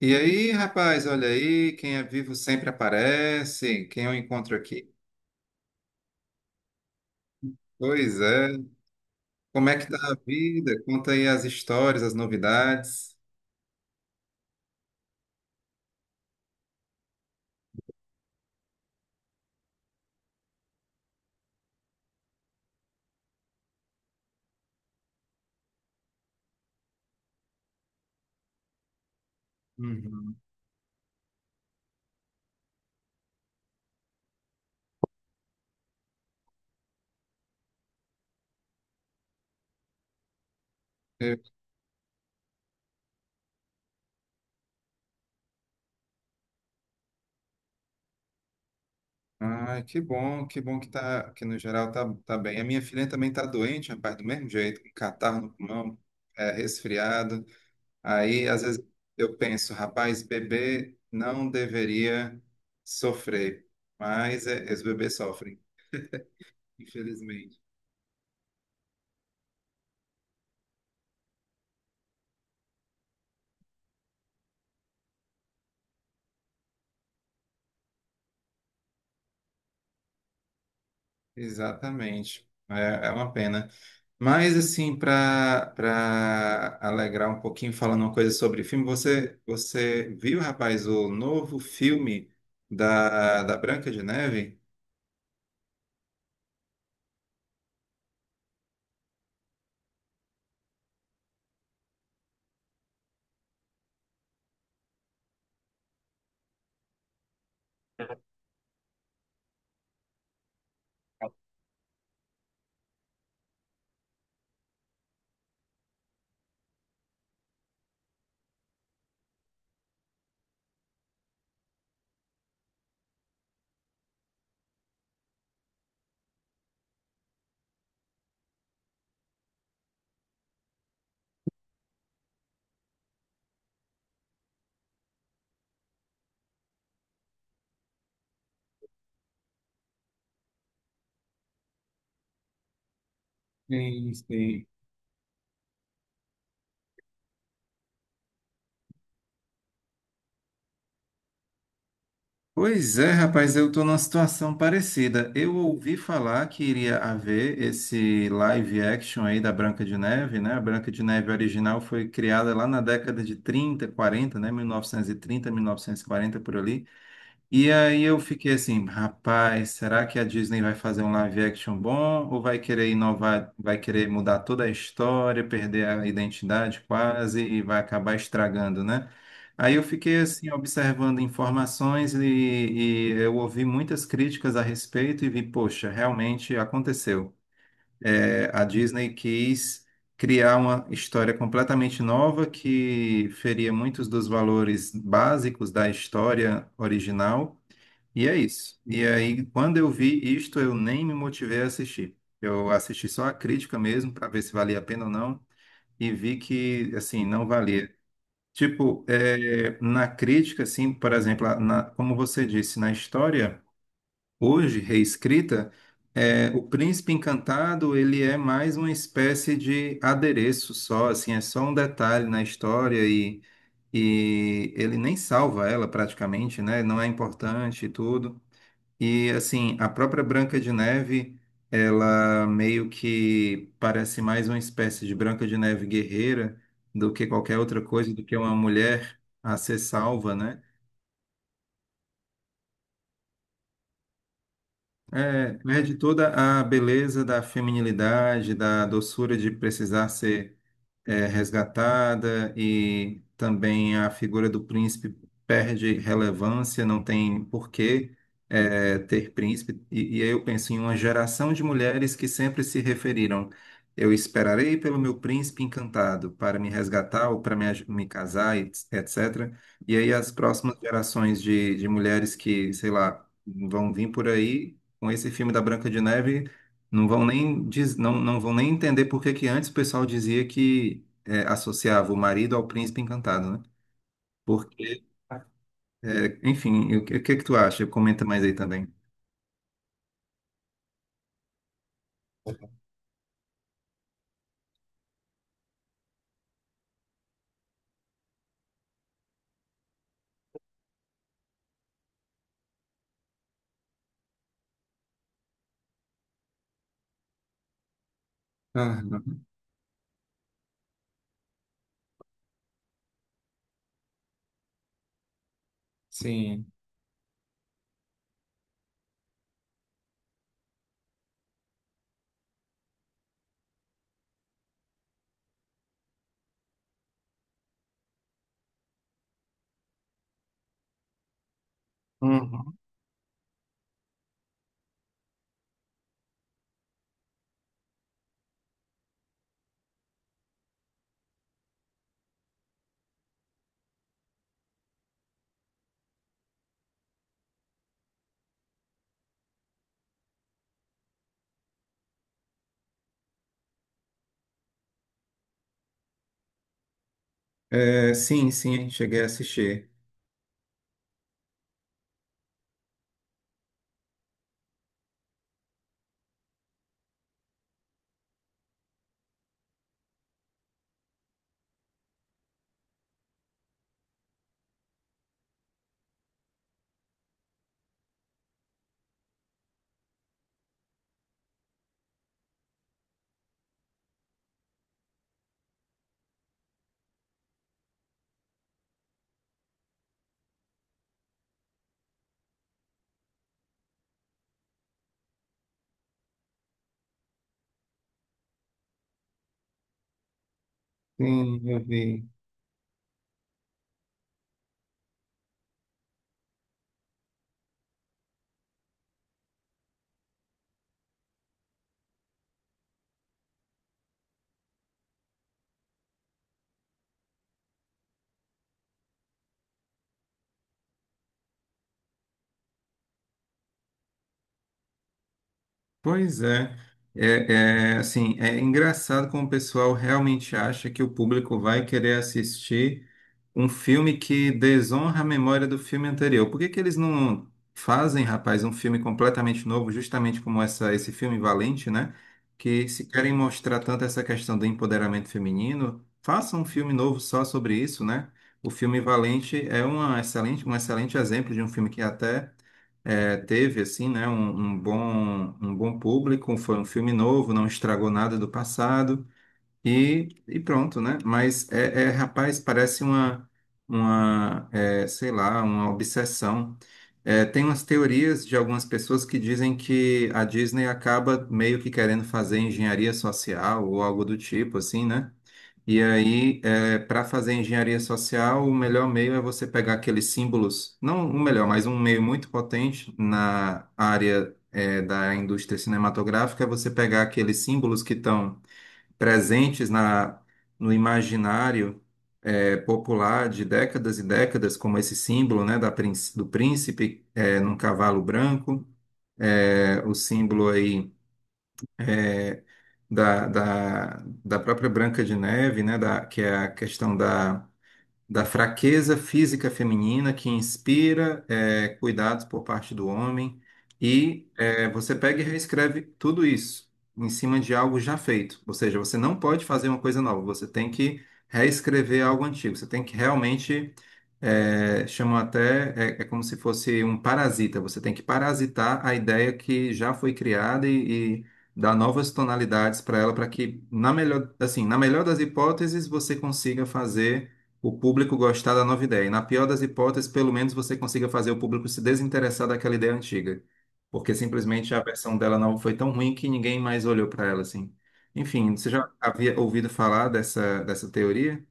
E aí, rapaz, olha aí, quem é vivo sempre aparece, quem eu encontro aqui. Pois é, como é que tá a vida? Conta aí as histórias, as novidades. Uhum. Eu- Ai, que bom, que bom que tá, que no geral tá bem. A minha filha também tá doente, rapaz, do mesmo jeito, com catarro no pulmão, é, resfriado. Aí, às vezes, eu penso, rapaz, bebê não deveria sofrer, mas é, os bebês sofrem, infelizmente. Exatamente. É, é uma pena. Mas, assim, para alegrar um pouquinho, falando uma coisa sobre filme, você viu, rapaz, o novo filme da Branca de Neve? Sim, sim. Pois é, rapaz, eu estou numa situação parecida. Eu ouvi falar que iria haver esse live action aí da Branca de Neve, né? A Branca de Neve original foi criada lá na década de trinta, quarenta, né? Mil novecentos e trinta, 1940, por ali. E aí eu fiquei assim, rapaz, será que a Disney vai fazer um live action bom ou vai querer inovar, vai querer mudar toda a história, perder a identidade quase e vai acabar estragando, né? Aí eu fiquei assim observando informações e eu ouvi muitas críticas a respeito e vi, poxa, realmente aconteceu. É, a Disney quis criar uma história completamente nova que feria muitos dos valores básicos da história original e é isso. E aí, quando eu vi isto, eu nem me motivei a assistir. Eu assisti só a crítica mesmo, para ver se valia a pena ou não, e vi que, assim, não valia. Tipo, é, na crítica, assim, por exemplo, como você disse, na história, hoje, reescrita, é, o Príncipe Encantado, ele é mais uma espécie de adereço só, assim, é só um detalhe na história e ele nem salva ela praticamente, né? Não é importante e tudo. E assim, a própria Branca de Neve, ela meio que parece mais uma espécie de Branca de Neve guerreira do que qualquer outra coisa, do que uma mulher a ser salva, né? É, perde toda a beleza da feminilidade, da doçura de precisar ser resgatada e também a figura do príncipe perde relevância, não tem porquê ter príncipe. E aí eu penso em uma geração de mulheres que sempre se referiram. Eu esperarei pelo meu príncipe encantado para me resgatar ou para me casar, etc. E aí as próximas gerações de mulheres que, sei lá, vão vir por aí com esse filme da Branca de Neve não vão nem entender por que que antes o pessoal dizia que associava o marido ao príncipe encantado, né? Porque, enfim, o que que tu acha? Comenta mais aí também. Aham. Sim. Uhum. É, sim, sim, cheguei a assistir. Sim, eu vi. Pois é. É, é, assim, é engraçado como o pessoal realmente acha que o público vai querer assistir um filme que desonra a memória do filme anterior. Por que que eles não fazem, rapaz, um filme completamente novo, justamente como esse filme Valente, né? Que se querem mostrar tanto essa questão do empoderamento feminino, façam um filme novo só sobre isso, né? O filme Valente é um excelente exemplo de um filme que até teve assim, né, um bom público, foi um filme novo, não estragou nada do passado e pronto, né? Mas, rapaz, parece uma sei lá, uma obsessão. É, tem umas teorias de algumas pessoas que dizem que a Disney acaba meio que querendo fazer engenharia social ou algo do tipo, assim, né? E aí, para fazer engenharia social, o melhor meio é você pegar aqueles símbolos, não o melhor, mas um meio muito potente na área da indústria cinematográfica, é você pegar aqueles símbolos que estão presentes no imaginário popular de décadas e décadas, como esse símbolo, né, do príncipe num cavalo branco, o símbolo aí da, da, da própria Branca de Neve, né, que é a questão da fraqueza física feminina que inspira cuidados por parte do homem, e você pega e reescreve tudo isso em cima de algo já feito. Ou seja, você não pode fazer uma coisa nova, você tem que reescrever algo antigo, você tem que realmente chamam até, é como se fosse um parasita. Você tem que parasitar a ideia que já foi criada e dar novas tonalidades para ela, para que, assim, na melhor das hipóteses, você consiga fazer o público gostar da nova ideia. E na pior das hipóteses, pelo menos você consiga fazer o público se desinteressar daquela ideia antiga. Porque simplesmente a versão dela nova foi tão ruim que ninguém mais olhou para ela, assim. Enfim, você já havia ouvido falar dessa teoria?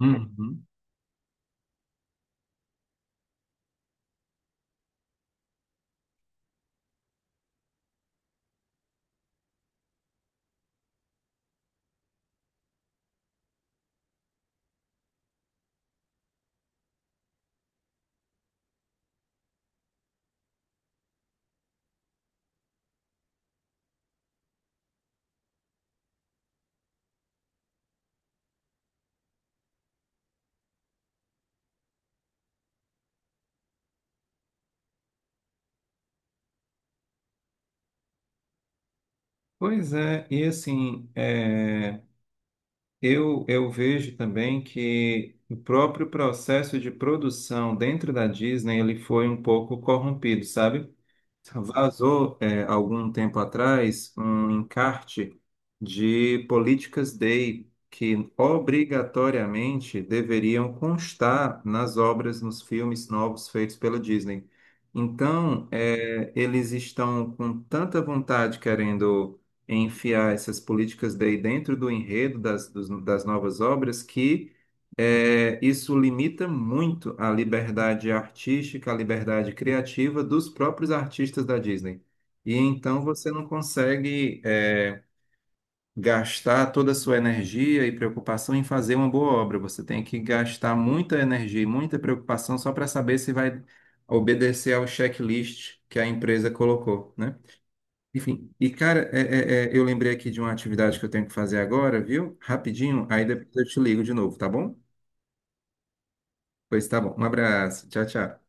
Uhum. Pois é, e assim, eu vejo também que o próprio processo de produção dentro da Disney ele foi um pouco corrompido, sabe? Vazou, algum tempo atrás um encarte de políticas Day que obrigatoriamente deveriam constar nas obras, nos filmes novos feitos pela Disney. Então, eles estão com tanta vontade querendo enfiar essas políticas Day dentro do enredo das novas obras que isso limita muito a liberdade artística, a liberdade criativa dos próprios artistas da Disney. E então você não consegue, gastar toda a sua energia e preocupação em fazer uma boa obra. Você tem que gastar muita energia e muita preocupação só para saber se vai obedecer ao checklist que a empresa colocou, né? Enfim, e cara, eu lembrei aqui de uma atividade que eu tenho que fazer agora, viu? Rapidinho, aí depois eu te ligo de novo, tá bom? Pois tá bom. Um abraço. Tchau, tchau.